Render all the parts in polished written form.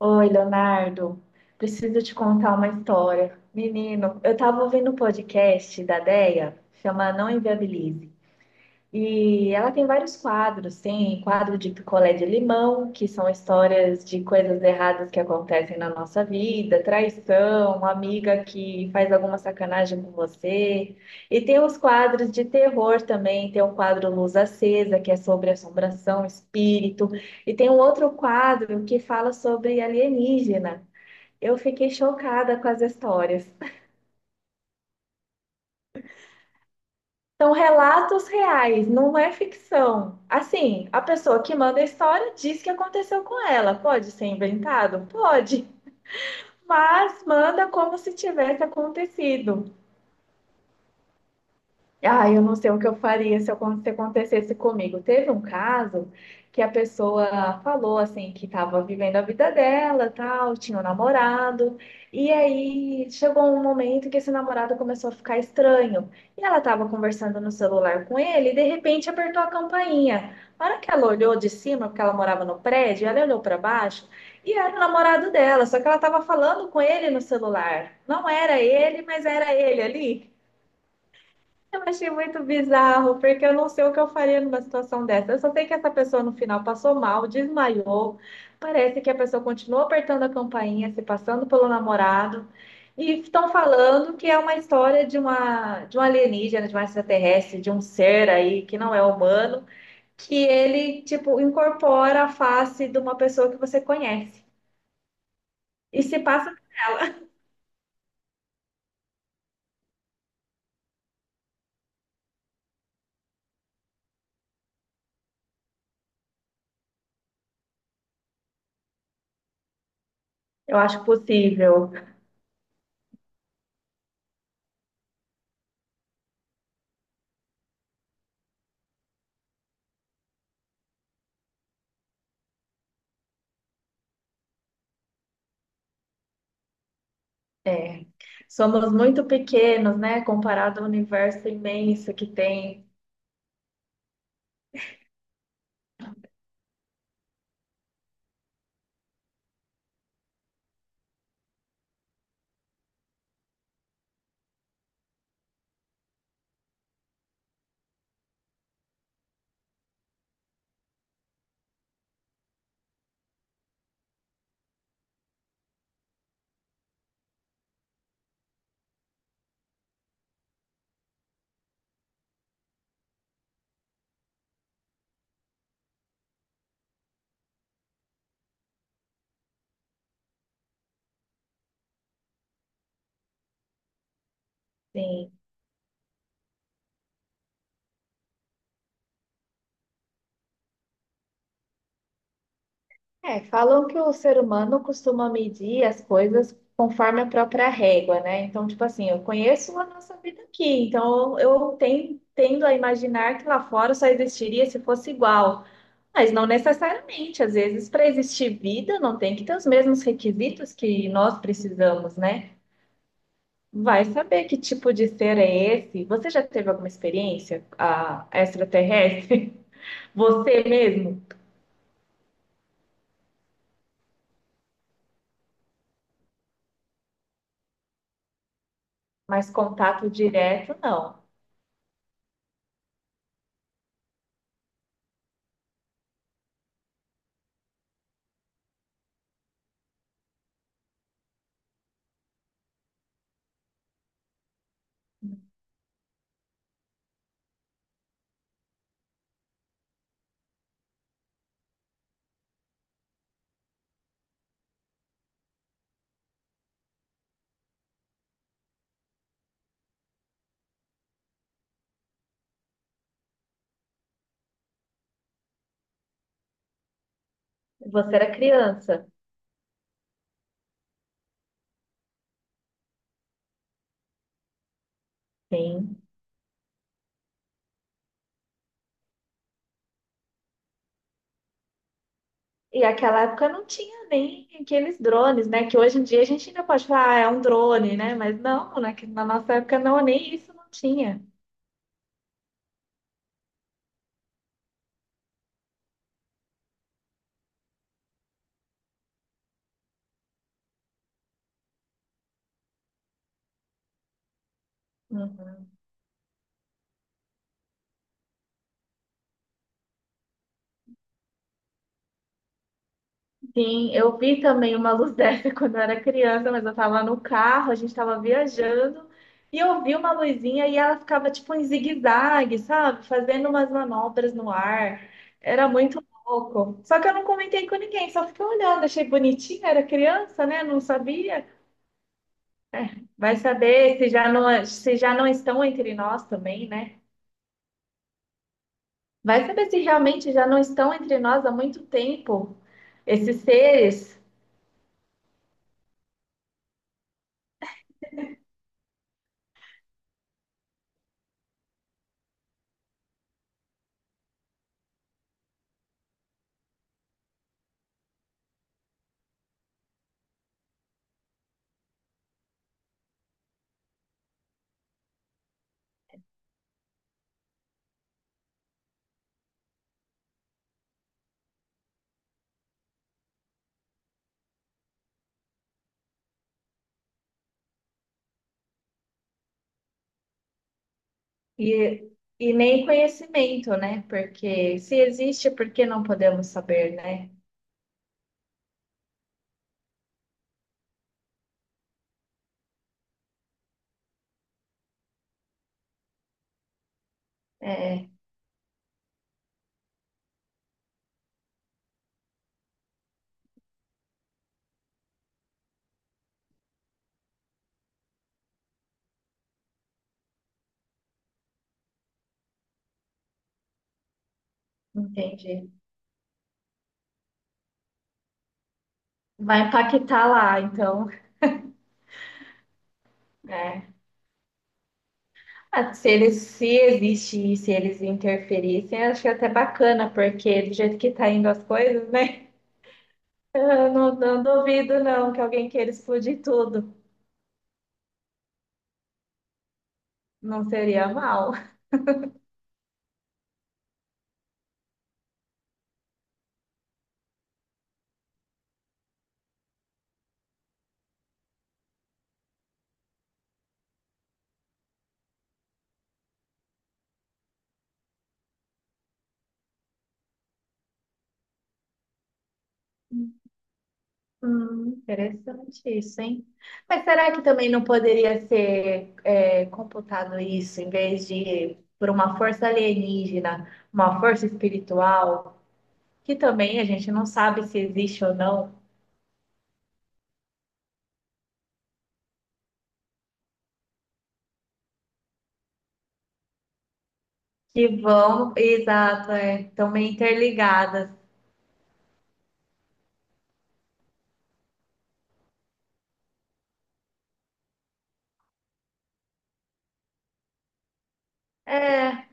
Oi, Leonardo. Preciso te contar uma história. Menino, eu estava ouvindo um podcast da Déia, chama Não Inviabilize. E ela tem vários quadros, tem quadro de picolé de limão, que são histórias de coisas erradas que acontecem na nossa vida, traição, amiga que faz alguma sacanagem com você. E tem os quadros de terror também, tem o quadro Luz Acesa, que é sobre assombração, espírito, e tem um outro quadro que fala sobre alienígena. Eu fiquei chocada com as histórias. São relatos reais, não é ficção. Assim, a pessoa que manda a história diz que aconteceu com ela. Pode ser inventado? Pode. Mas manda como se tivesse acontecido. Ah, eu não sei o que eu faria se acontecesse comigo. Teve um caso que a pessoa falou assim que estava vivendo a vida dela, tal, tinha um namorado, e aí chegou um momento que esse namorado começou a ficar estranho. E ela estava conversando no celular com ele, e de repente apertou a campainha. A hora que ela olhou de cima, porque ela morava no prédio, ela olhou para baixo e era o namorado dela, só que ela estava falando com ele no celular. Não era ele, mas era ele ali. Eu achei muito bizarro, porque eu não sei o que eu faria numa situação dessa. Eu só sei que essa pessoa no final passou mal, desmaiou. Parece que a pessoa continuou apertando a campainha, se passando pelo namorado. E estão falando que é uma história de um alienígena, de um extraterrestre, de um ser aí que não é humano, que ele, tipo, incorpora a face de uma pessoa que você conhece. E se passa, eu acho possível. É, somos muito pequenos, né, comparado ao universo imenso que tem. Sim. É, falam que o ser humano costuma medir as coisas conforme a própria régua, né? Então, tipo assim, eu conheço a nossa vida aqui, então tendo a imaginar que lá fora só existiria se fosse igual. Mas não necessariamente, às vezes, para existir vida, não tem que ter os mesmos requisitos que nós precisamos, né? Vai saber que tipo de ser é esse? Você já teve alguma experiência extraterrestre? Você mesmo? Mas contato direto, não. Você era criança. Sim. E aquela época não tinha nem aqueles drones, né? Que hoje em dia a gente ainda pode falar, ah, é um drone, né? Mas não, na nossa época não, nem isso não tinha. Uhum. Sim, eu vi também uma luz dessa quando eu era criança, mas eu tava no carro, a gente tava viajando, e eu vi uma luzinha e ela ficava tipo em zigue-zague, sabe? Fazendo umas manobras no ar. Era muito louco. Só que eu não comentei com ninguém, só fiquei olhando, achei bonitinha, era criança, né? Não sabia. Vai saber se já não, é, se já não estão entre nós também, né? Vai saber se realmente já não estão entre nós há muito tempo, esses seres. E, e nem conhecimento, né? Porque se existe, por que não podemos saber, né? É, entendi. Vai impactar lá, então. É. Ah, se eles, se existe se eles interferissem, acho que é até bacana, porque do jeito que tá indo as coisas, né? Eu não, não duvido, não, que alguém queira explodir tudo. Não seria mal. Interessante isso, hein? Mas será que também não poderia ser é, computado isso em vez de por uma força alienígena, uma força espiritual, que também a gente não sabe se existe ou não, que vão, exato, é, estão meio interligadas. É,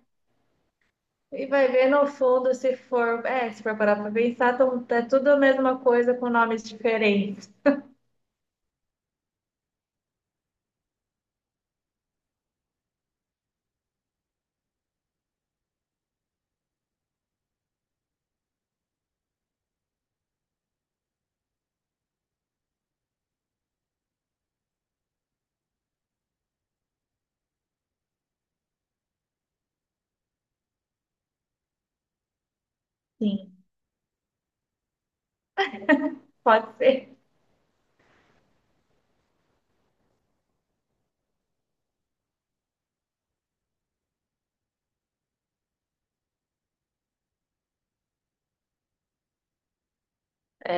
e vai ver no fundo se for, é, se for parar para pensar, tão, é tudo a mesma coisa com nomes diferentes. Sim, pode ser.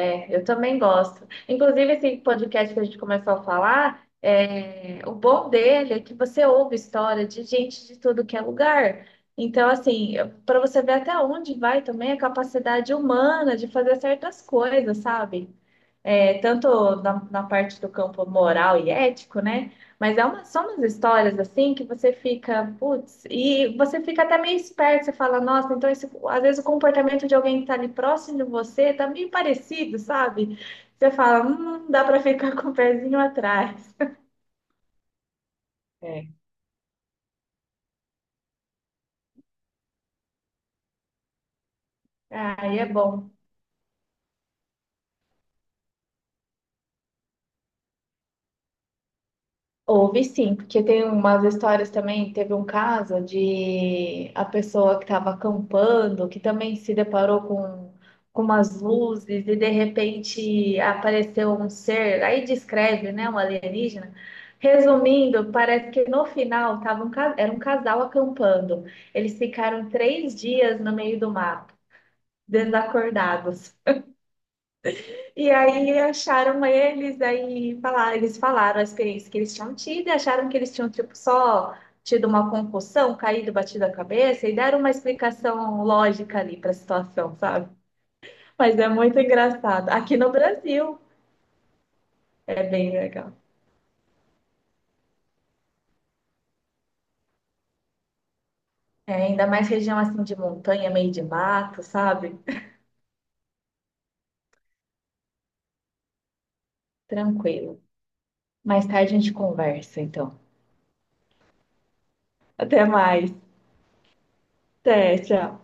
É, eu também gosto. Inclusive, esse podcast que a gente começou a falar, é, o bom dele é que você ouve história de gente de tudo que é lugar. Então, assim, para você ver até onde vai também a capacidade humana de fazer certas coisas, sabe? É, tanto na parte do campo moral e ético, né? Mas é uma, são umas histórias assim que você fica, putz, e você fica até meio esperto, você fala, nossa, então esse, às vezes o comportamento de alguém que está ali próximo de você tá meio parecido, sabe? Você fala, dá para ficar com o pezinho atrás. É. Aí é bom. Houve sim, porque tem umas histórias também. Teve um caso de a pessoa que estava acampando, que também se deparou com umas luzes e de repente apareceu um ser. Aí descreve, né, um alienígena. Resumindo, parece que no final tava era um casal acampando. Eles ficaram 3 dias no meio do mato, desacordados. E aí acharam eles, aí falaram, eles falaram a experiência que eles tinham tido e acharam que eles tinham tipo só tido uma concussão, caído, batido a cabeça e deram uma explicação lógica ali para a situação, sabe? Mas é muito engraçado. Aqui no Brasil é bem legal. É, ainda mais região assim de montanha, meio de mato, sabe? Tranquilo. Mais tarde a gente conversa, então. Até mais. Até, tchau.